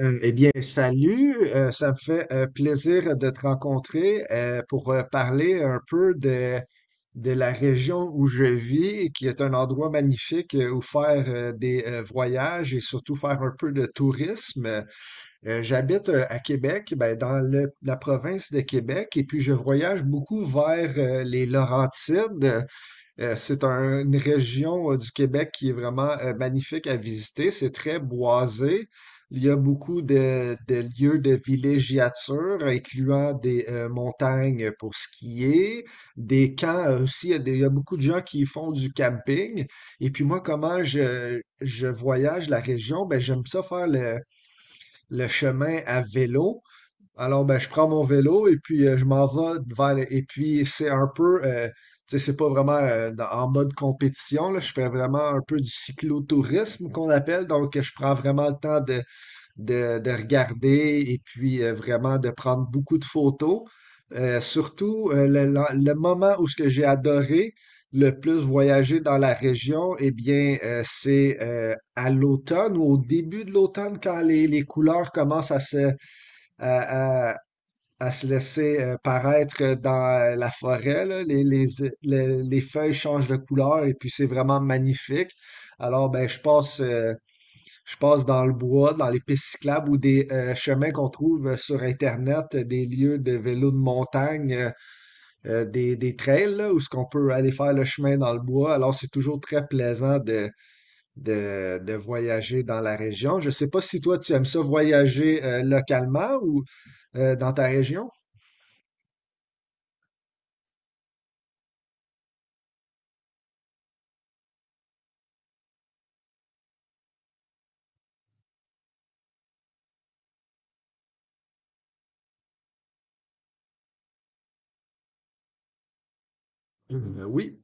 Salut, ça me fait plaisir de te rencontrer pour parler un peu de la région où je vis, qui est un endroit magnifique où faire des voyages et surtout faire un peu de tourisme. J'habite à Québec, ben, dans la province de Québec, et puis je voyage beaucoup vers les Laurentides. C'est une région du Québec qui est vraiment magnifique à visiter. C'est très boisé. Il y a beaucoup de lieux de villégiature, incluant des montagnes pour skier, des camps aussi. Il y a beaucoup de gens qui font du camping. Et puis moi, comment je voyage la région? Ben, j'aime ça faire le chemin à vélo. Alors, ben, je prends mon vélo et puis je m'en vais vers Et puis, c'est un peu, tu sais, c'est pas vraiment en mode compétition, là. Je fais vraiment un peu du cyclotourisme qu'on appelle. Donc, je prends vraiment le temps de regarder et puis vraiment de prendre beaucoup de photos. Surtout, le moment où ce que j'ai adoré le plus voyager dans la région, c'est à l'automne ou au début de l'automne quand les couleurs commencent à se à, à- à se laisser paraître dans la forêt, là. Les feuilles changent de couleur et puis c'est vraiment magnifique. Alors, ben, je passe dans le bois, dans les pistes cyclables ou des chemins qu'on trouve sur Internet, des lieux de vélo de montagne, des trails, là, où ce qu'on peut aller faire le chemin dans le bois. Alors, c'est toujours très plaisant de voyager dans la région. Je ne sais pas si toi, tu aimes ça voyager localement ou dans ta région. Oui.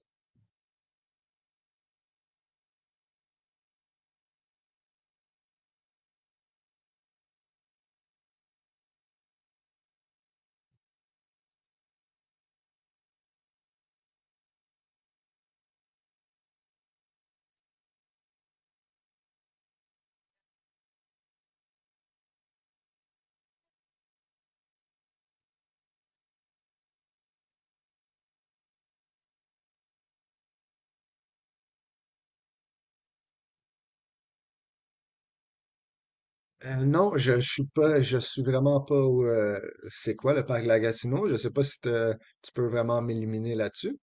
Non, je suis pas, je suis vraiment pas au, c'est quoi le parc Lagacino? Je sais pas si tu peux vraiment m'éliminer là-dessus.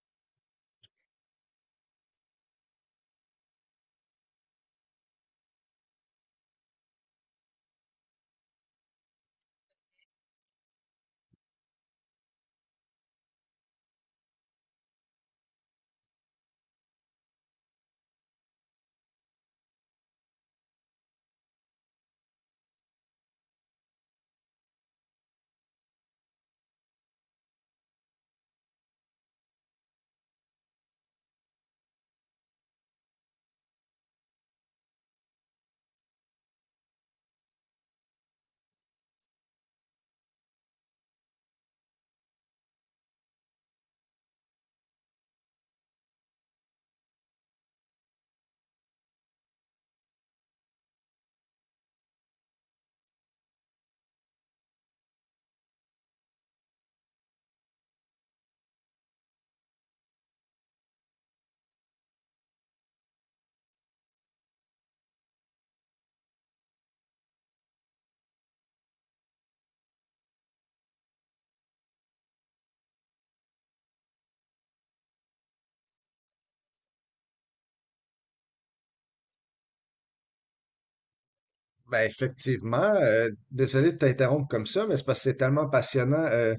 Ben effectivement, désolé de t'interrompre comme ça, mais c'est parce que c'est tellement passionnant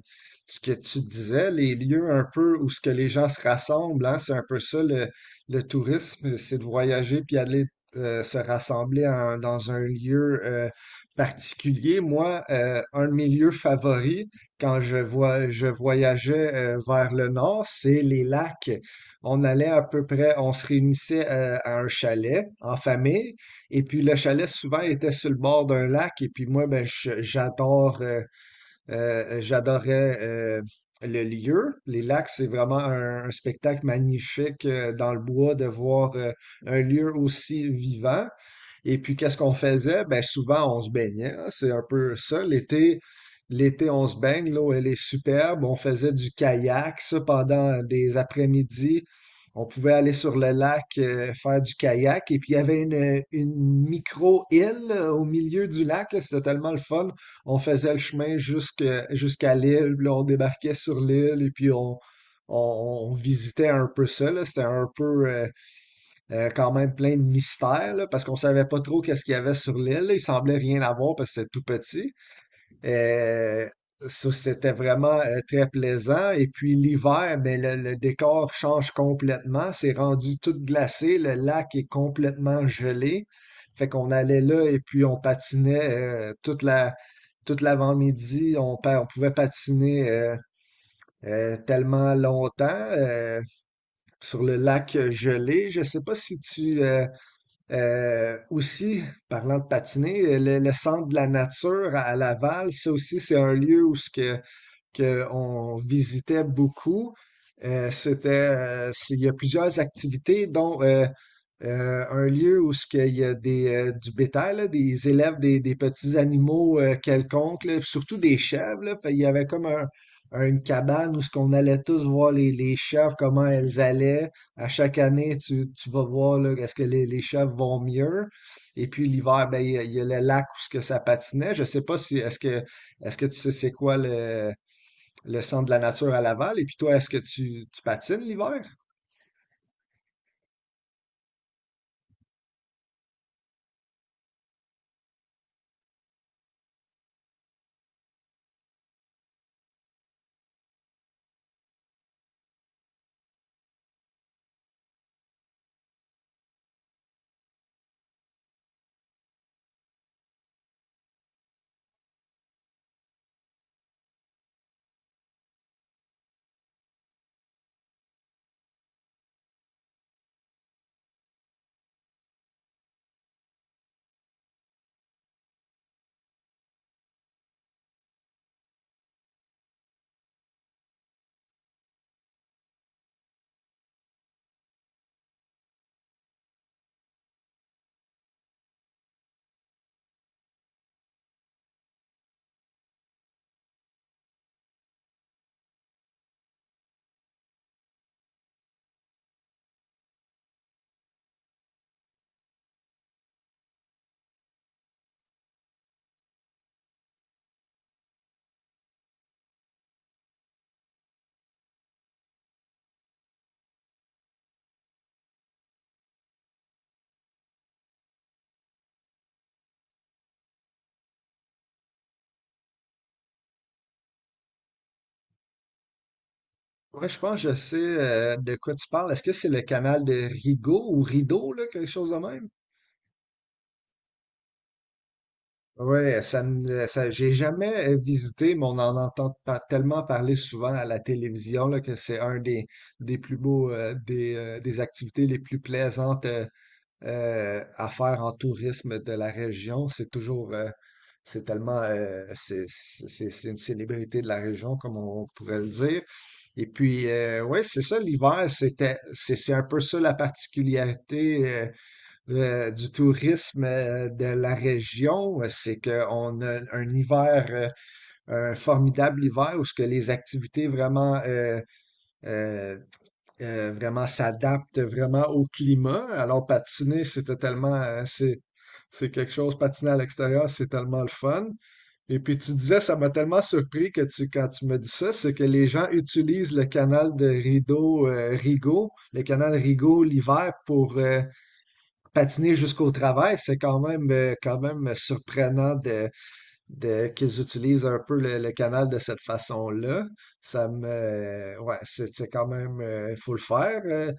ce que tu disais, les lieux un peu où ce que les gens se rassemblent, hein, c'est un peu ça le tourisme, c'est de voyager puis aller se rassembler dans un lieu particulier. Moi, un de mes lieux favoris quand je voyageais vers le nord, c'est les lacs. On allait à peu près, on se réunissait à un chalet en famille. Et puis le chalet, souvent, était sur le bord d'un lac. Et puis moi, ben, j'adorais le lieu. Les lacs, c'est vraiment un spectacle magnifique dans le bois de voir un lieu aussi vivant. Et puis, qu'est-ce qu'on faisait? Ben, souvent, on se baignait, hein. C'est un peu ça. L'été, on se baigne. L'eau, elle est superbe. On faisait du kayak, ça, pendant des après-midi. On pouvait aller sur le lac, faire du kayak. Et puis, il y avait une micro-île au milieu du lac, là. C'était tellement le fun, on faisait le chemin jusqu'à l'île, puis là, on débarquait sur l'île et puis on visitait un peu ça, là. C'était un peu quand même plein de mystères, là, parce qu'on savait pas trop qu'est-ce qu'il y avait sur l'île. Il semblait rien avoir parce que c'était tout petit. Euh, Ça, c'était vraiment très plaisant. Et puis l'hiver, ben, le décor change complètement. C'est rendu tout glacé. Le lac est complètement gelé. Fait qu'on allait là et puis on patinait toute l'avant-midi. On pouvait patiner tellement longtemps sur le lac gelé. Je sais pas si tu, aussi, parlant de patiner, le centre de la nature à Laval, ça aussi, c'est un lieu où ce que qu'on visitait beaucoup. Il y a plusieurs activités, dont un lieu où ce qu'il y a des, du bétail, là, des petits animaux quelconques, là, surtout des chèvres, là. Fait, il y avait comme une cabane où ce qu'on allait tous voir les chèvres, comment elles allaient. À chaque année, tu vas voir là, est-ce que les chèvres vont mieux. Et puis l'hiver, ben, il y a le lac où ce que ça patinait. Je sais pas si est-ce que tu sais c'est quoi le centre de la nature à Laval. Et puis toi, est-ce que tu patines l'hiver? Ouais, je pense que je sais de quoi tu parles. Est-ce que c'est le canal de Rigaud ou Rideau, là, quelque chose de même? Ouais, j'ai jamais visité, mais on en entend tellement parler souvent à la télévision là, que c'est un des plus beaux, des activités les plus plaisantes à faire en tourisme de la région. C'est tellement, une célébrité de la région, comme on pourrait le dire. Et puis, ouais, c'est ça, c'est un peu ça la particularité du tourisme de la région, c'est qu'on a un un formidable hiver où ce que les activités vraiment euh, vraiment s'adapte vraiment au climat. Alors, patiner, c'est quelque chose, patiner à l'extérieur, c'est tellement le fun. Et puis, tu disais, ça m'a tellement surpris que tu, quand tu me dis ça, c'est que les gens utilisent le canal de rideau Rigaud, le canal Rigaud l'hiver pour patiner jusqu'au travail. C'est quand même surprenant qu'ils utilisent un peu le canal de cette façon-là. Ouais, c'est quand même, il faut le faire,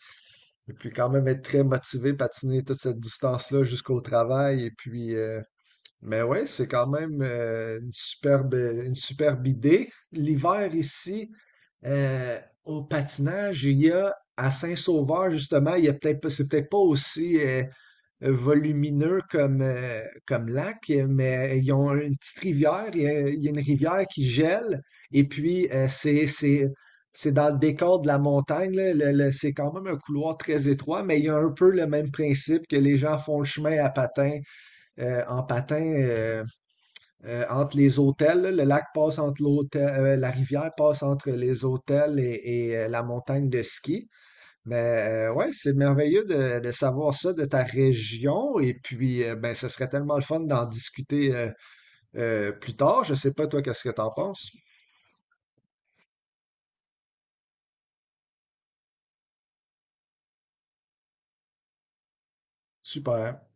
et puis quand même être très motivé, patiner toute cette distance-là jusqu'au travail. Et puis, mais ouais, c'est quand même une superbe idée. L'hiver ici, euh, au patinage, il y a à Saint-Sauveur, justement, il y a peut-être pas, c'est peut-être pas aussi volumineux comme, comme lac, mais ils ont une petite rivière, il y a une rivière qui gèle, et puis c'est dans le décor de la montagne, là, c'est quand même un couloir très étroit, mais il y a un peu le même principe que les gens font le chemin à patin, en patin entre les hôtels, là. Le lac passe entre l'hôtel, La rivière passe entre les hôtels et, la montagne de ski. Mais ouais, c'est merveilleux de savoir ça de ta région. Et puis, ben, ce serait tellement le fun d'en discuter plus tard. Je sais pas, toi, qu'est-ce que t'en penses? Super.